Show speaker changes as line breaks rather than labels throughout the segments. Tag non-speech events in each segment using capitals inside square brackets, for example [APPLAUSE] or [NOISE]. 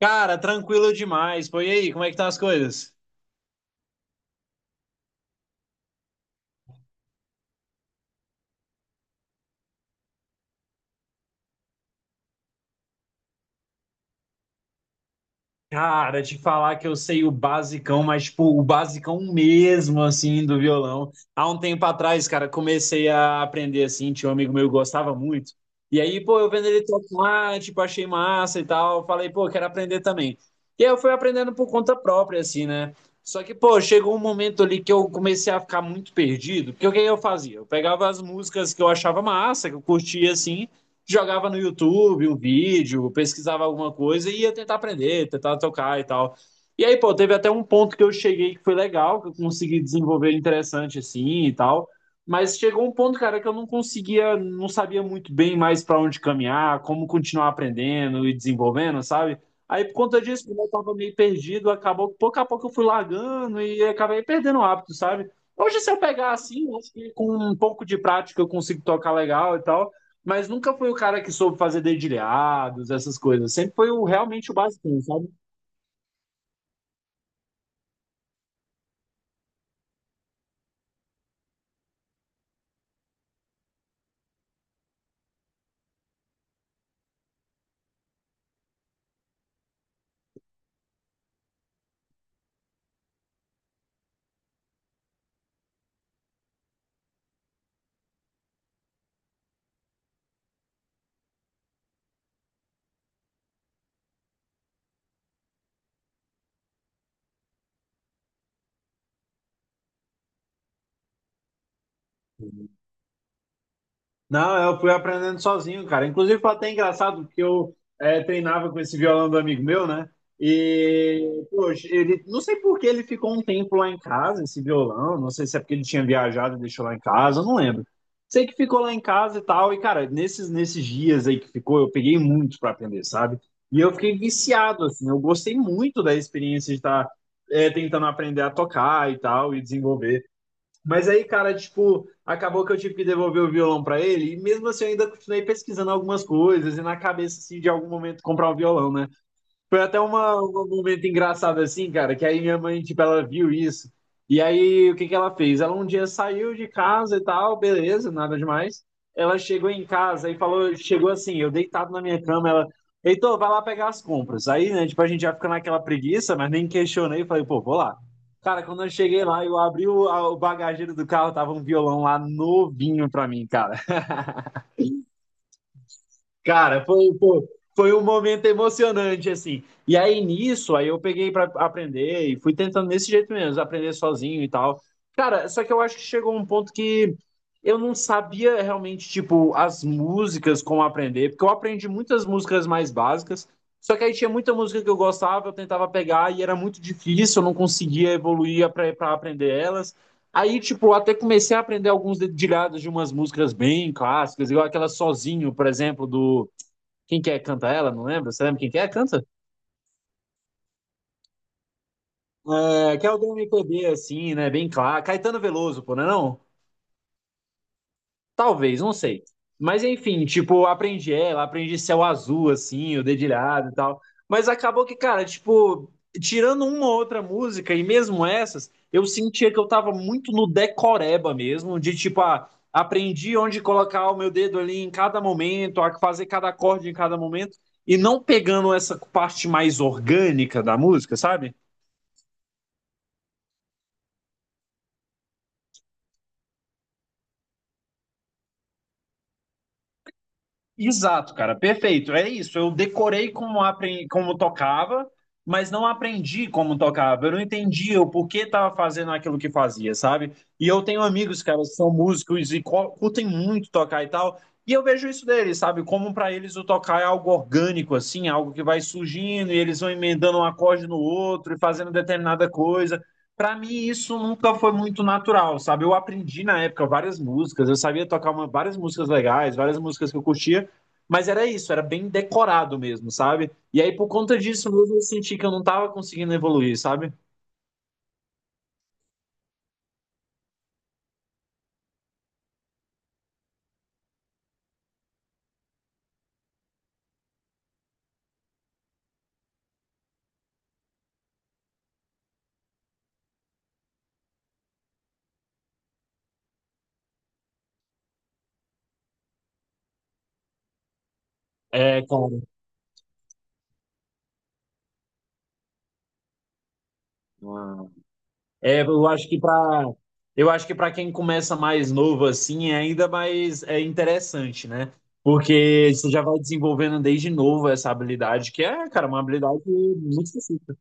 Cara, tranquilo demais. Pô, e aí, como é que estão as coisas? Cara, te falar que eu sei o basicão, mas tipo, o basicão mesmo, assim, do violão. Há um tempo atrás, cara, comecei a aprender, assim, tinha um amigo meu que gostava muito. E aí, pô, eu vendo ele tocar, tipo, achei massa e tal. Falei, pô, quero aprender também. E aí eu fui aprendendo por conta própria, assim, né? Só que, pô, chegou um momento ali que eu comecei a ficar muito perdido. Porque o que eu fazia? Eu pegava as músicas que eu achava massa, que eu curtia, assim, jogava no YouTube um vídeo, pesquisava alguma coisa e ia tentar aprender, tentar tocar e tal. E aí, pô, teve até um ponto que eu cheguei que foi legal, que eu consegui desenvolver interessante assim e tal. Mas chegou um ponto, cara, que eu não conseguia, não sabia muito bem mais para onde caminhar, como continuar aprendendo e desenvolvendo, sabe? Aí, por conta disso, como eu tava meio perdido, acabou, que pouco a pouco eu fui largando e acabei perdendo o hábito, sabe? Hoje, se eu pegar assim, eu acho que com um pouco de prática eu consigo tocar legal e tal, mas nunca foi o cara que soube fazer dedilhados, essas coisas. Sempre foi realmente o basicão, sabe? Não, eu fui aprendendo sozinho, cara. Inclusive, foi até engraçado, porque eu treinava com esse violão do amigo meu, né? E, poxa, ele, não sei por que ele ficou um tempo lá em casa, esse violão. Não sei se é porque ele tinha viajado e deixou lá em casa, eu não lembro. Sei que ficou lá em casa e tal. E, cara, nesses dias aí que ficou, eu peguei muito pra aprender, sabe? E eu fiquei viciado, assim. Eu gostei muito da experiência de estar tentando aprender a tocar e tal, e desenvolver. Mas aí, cara, tipo, acabou que eu tive que devolver o violão pra ele, e mesmo assim eu ainda continuei pesquisando algumas coisas e na cabeça assim de algum momento comprar o violão, né? Foi até um momento engraçado assim, cara, que aí minha mãe, tipo, ela viu isso. E aí, o que que ela fez? Ela um dia saiu de casa e tal, beleza, nada demais. Ela chegou em casa e falou, chegou assim, eu deitado na minha cama, ela, Heitor, vai lá pegar as compras. Aí, né, tipo, a gente já fica naquela preguiça, mas nem questionei, falei, pô, vou lá. Cara, quando eu cheguei lá, eu abri o bagageiro do carro, tava um violão lá novinho pra mim, cara. Cara, foi, pô, foi um momento emocionante, assim. E aí nisso, aí eu peguei pra aprender e fui tentando desse jeito mesmo, aprender sozinho e tal. Cara, só que eu acho que chegou um ponto que eu não sabia realmente, tipo, as músicas como aprender, porque eu aprendi muitas músicas mais básicas, só que aí tinha muita música que eu gostava, eu tentava pegar e era muito difícil, eu não conseguia evoluir pra aprender elas. Aí, tipo, até comecei a aprender alguns dedilhados de umas músicas bem clássicas, igual aquela Sozinho, por exemplo, do quem quer canta ela? Não lembro. Você lembra quem quer canta? É, que é o do MPB, assim, né? Bem claro. Caetano Veloso, pô, não é não? Talvez, não sei. Mas enfim, tipo, aprendi ela, aprendi Céu Azul, assim, o Dedilhado e tal. Mas acabou que, cara, tipo, tirando uma ou outra música, e mesmo essas, eu sentia que eu tava muito no decoreba mesmo, de tipo, ah, aprendi onde colocar o meu dedo ali em cada momento, a fazer cada acorde em cada momento, e não pegando essa parte mais orgânica da música, sabe? Exato, cara, perfeito. É isso. Eu decorei como, como tocava, mas não aprendi como tocava. Eu não entendia o porquê estava fazendo aquilo que fazia, sabe? E eu tenho amigos, cara, que são músicos e curtem muito tocar e tal. E eu vejo isso deles, sabe? Como para eles o tocar é algo orgânico, assim, algo que vai surgindo e eles vão emendando um acorde no outro e fazendo determinada coisa. Para mim, isso nunca foi muito natural, sabe? Eu aprendi na época várias músicas, eu sabia tocar várias músicas legais, várias músicas que eu curtia. Mas era isso, era bem decorado mesmo, sabe? E aí, por conta disso mesmo, eu senti que eu não tava conseguindo evoluir, sabe? É, cara. Ah. É, eu acho que pra. Eu acho que para quem começa mais novo assim, é ainda mais é interessante, né? Porque você já vai desenvolvendo desde novo essa habilidade, que é, cara, uma habilidade muito específica.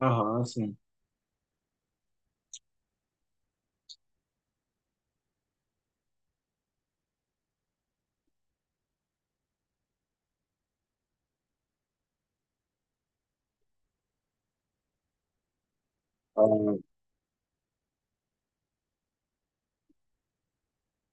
Aham, sim.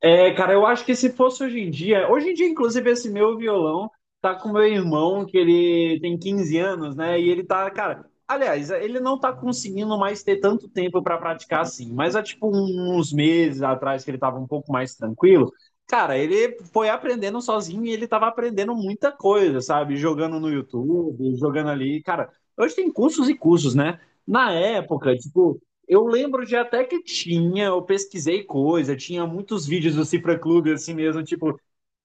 É, cara, eu acho que se fosse hoje em dia, inclusive, esse meu violão tá com meu irmão, que ele tem 15 anos, né? E ele tá, cara, aliás, ele não tá conseguindo mais ter tanto tempo pra praticar assim, mas há tipo uns meses atrás que ele tava um pouco mais tranquilo, cara, ele foi aprendendo sozinho e ele tava aprendendo muita coisa, sabe? Jogando no YouTube, jogando ali, cara. Hoje tem cursos e cursos, né? Na época, tipo, eu lembro de até que tinha, eu pesquisei coisa, tinha muitos vídeos do Cifra Clube, assim mesmo, tipo,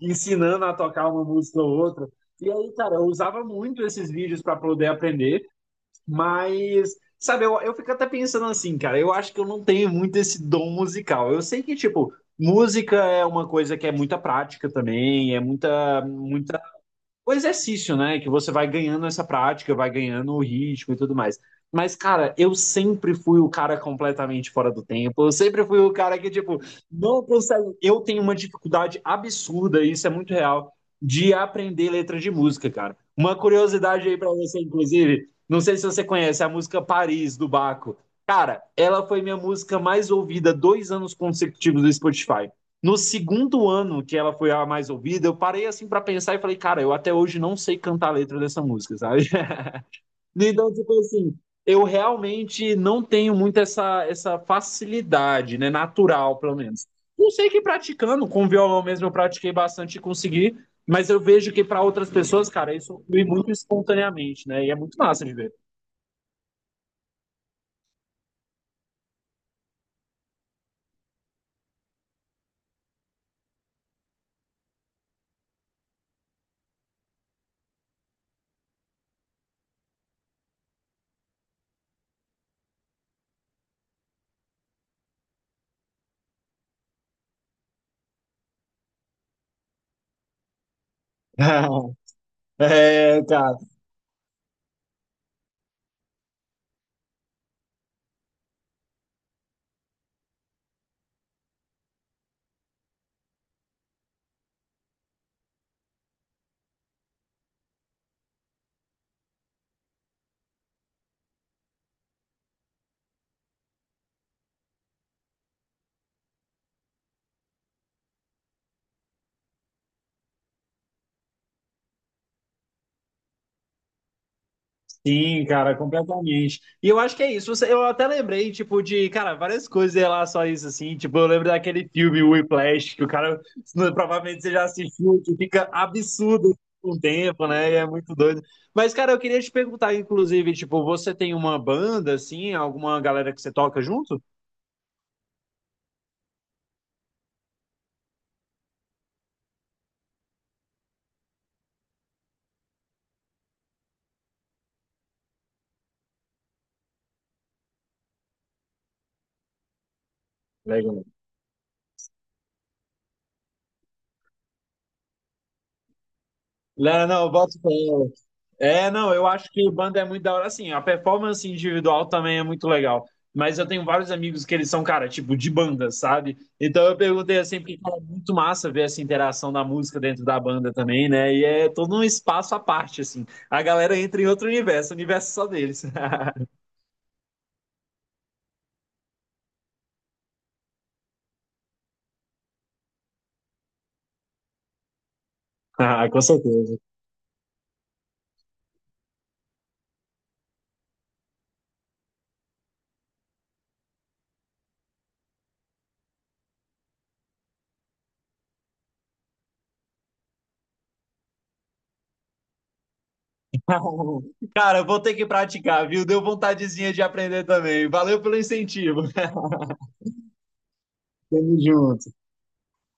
ensinando a tocar uma música ou outra. E aí, cara, eu usava muito esses vídeos para poder aprender, mas, sabe, eu fico até pensando assim, cara, eu acho que eu não tenho muito esse dom musical. Eu sei que, tipo, música é uma coisa que é muita prática também, é muita, muita o exercício, né? Que você vai ganhando essa prática, vai ganhando o ritmo e tudo mais. Mas, cara, eu sempre fui o cara completamente fora do tempo. Eu sempre fui o cara que, tipo, não consegue. Eu tenho uma dificuldade absurda, e isso é muito real, de aprender letra de música, cara. Uma curiosidade aí pra você, inclusive. Não sei se você conhece a música Paris, do Baco. Cara, ela foi minha música mais ouvida 2 anos consecutivos do Spotify. No segundo ano que ela foi a mais ouvida, eu parei assim para pensar e falei, cara, eu até hoje não sei cantar a letra dessa música, sabe? [LAUGHS] Então, tipo assim, eu realmente não tenho muito essa, essa facilidade, né? Natural, pelo menos. Não sei que praticando, com violão mesmo eu pratiquei bastante e consegui, mas eu vejo que para outras pessoas, cara, isso flui muito espontaneamente, né? E é muito massa de ver. [LAUGHS] É, cara. Sim, cara, completamente. E eu acho que é isso. Eu até lembrei, tipo, de, cara, várias coisas em relação a isso, assim. Tipo, eu lembro daquele filme Whiplash, que o cara, [LAUGHS] provavelmente você já assistiu, que fica absurdo com o tempo, né? E é muito doido. Mas, cara, eu queria te perguntar, inclusive, tipo, você tem uma banda, assim, alguma galera que você toca junto? Legal. Não, não, bota fé. É, não, eu acho que banda é muito da hora, assim, a performance individual também é muito legal, mas eu tenho vários amigos que eles são, cara, tipo, de banda, sabe? Então eu perguntei assim, porque cara, é muito massa ver essa interação da música dentro da banda também, né? E é todo um espaço à parte, assim, a galera entra em outro universo, o universo é só deles. [LAUGHS] Ah, com certeza. [LAUGHS] Cara, eu vou ter que praticar, viu? Deu vontadezinha de aprender também, valeu pelo incentivo. [LAUGHS] Tamo junto.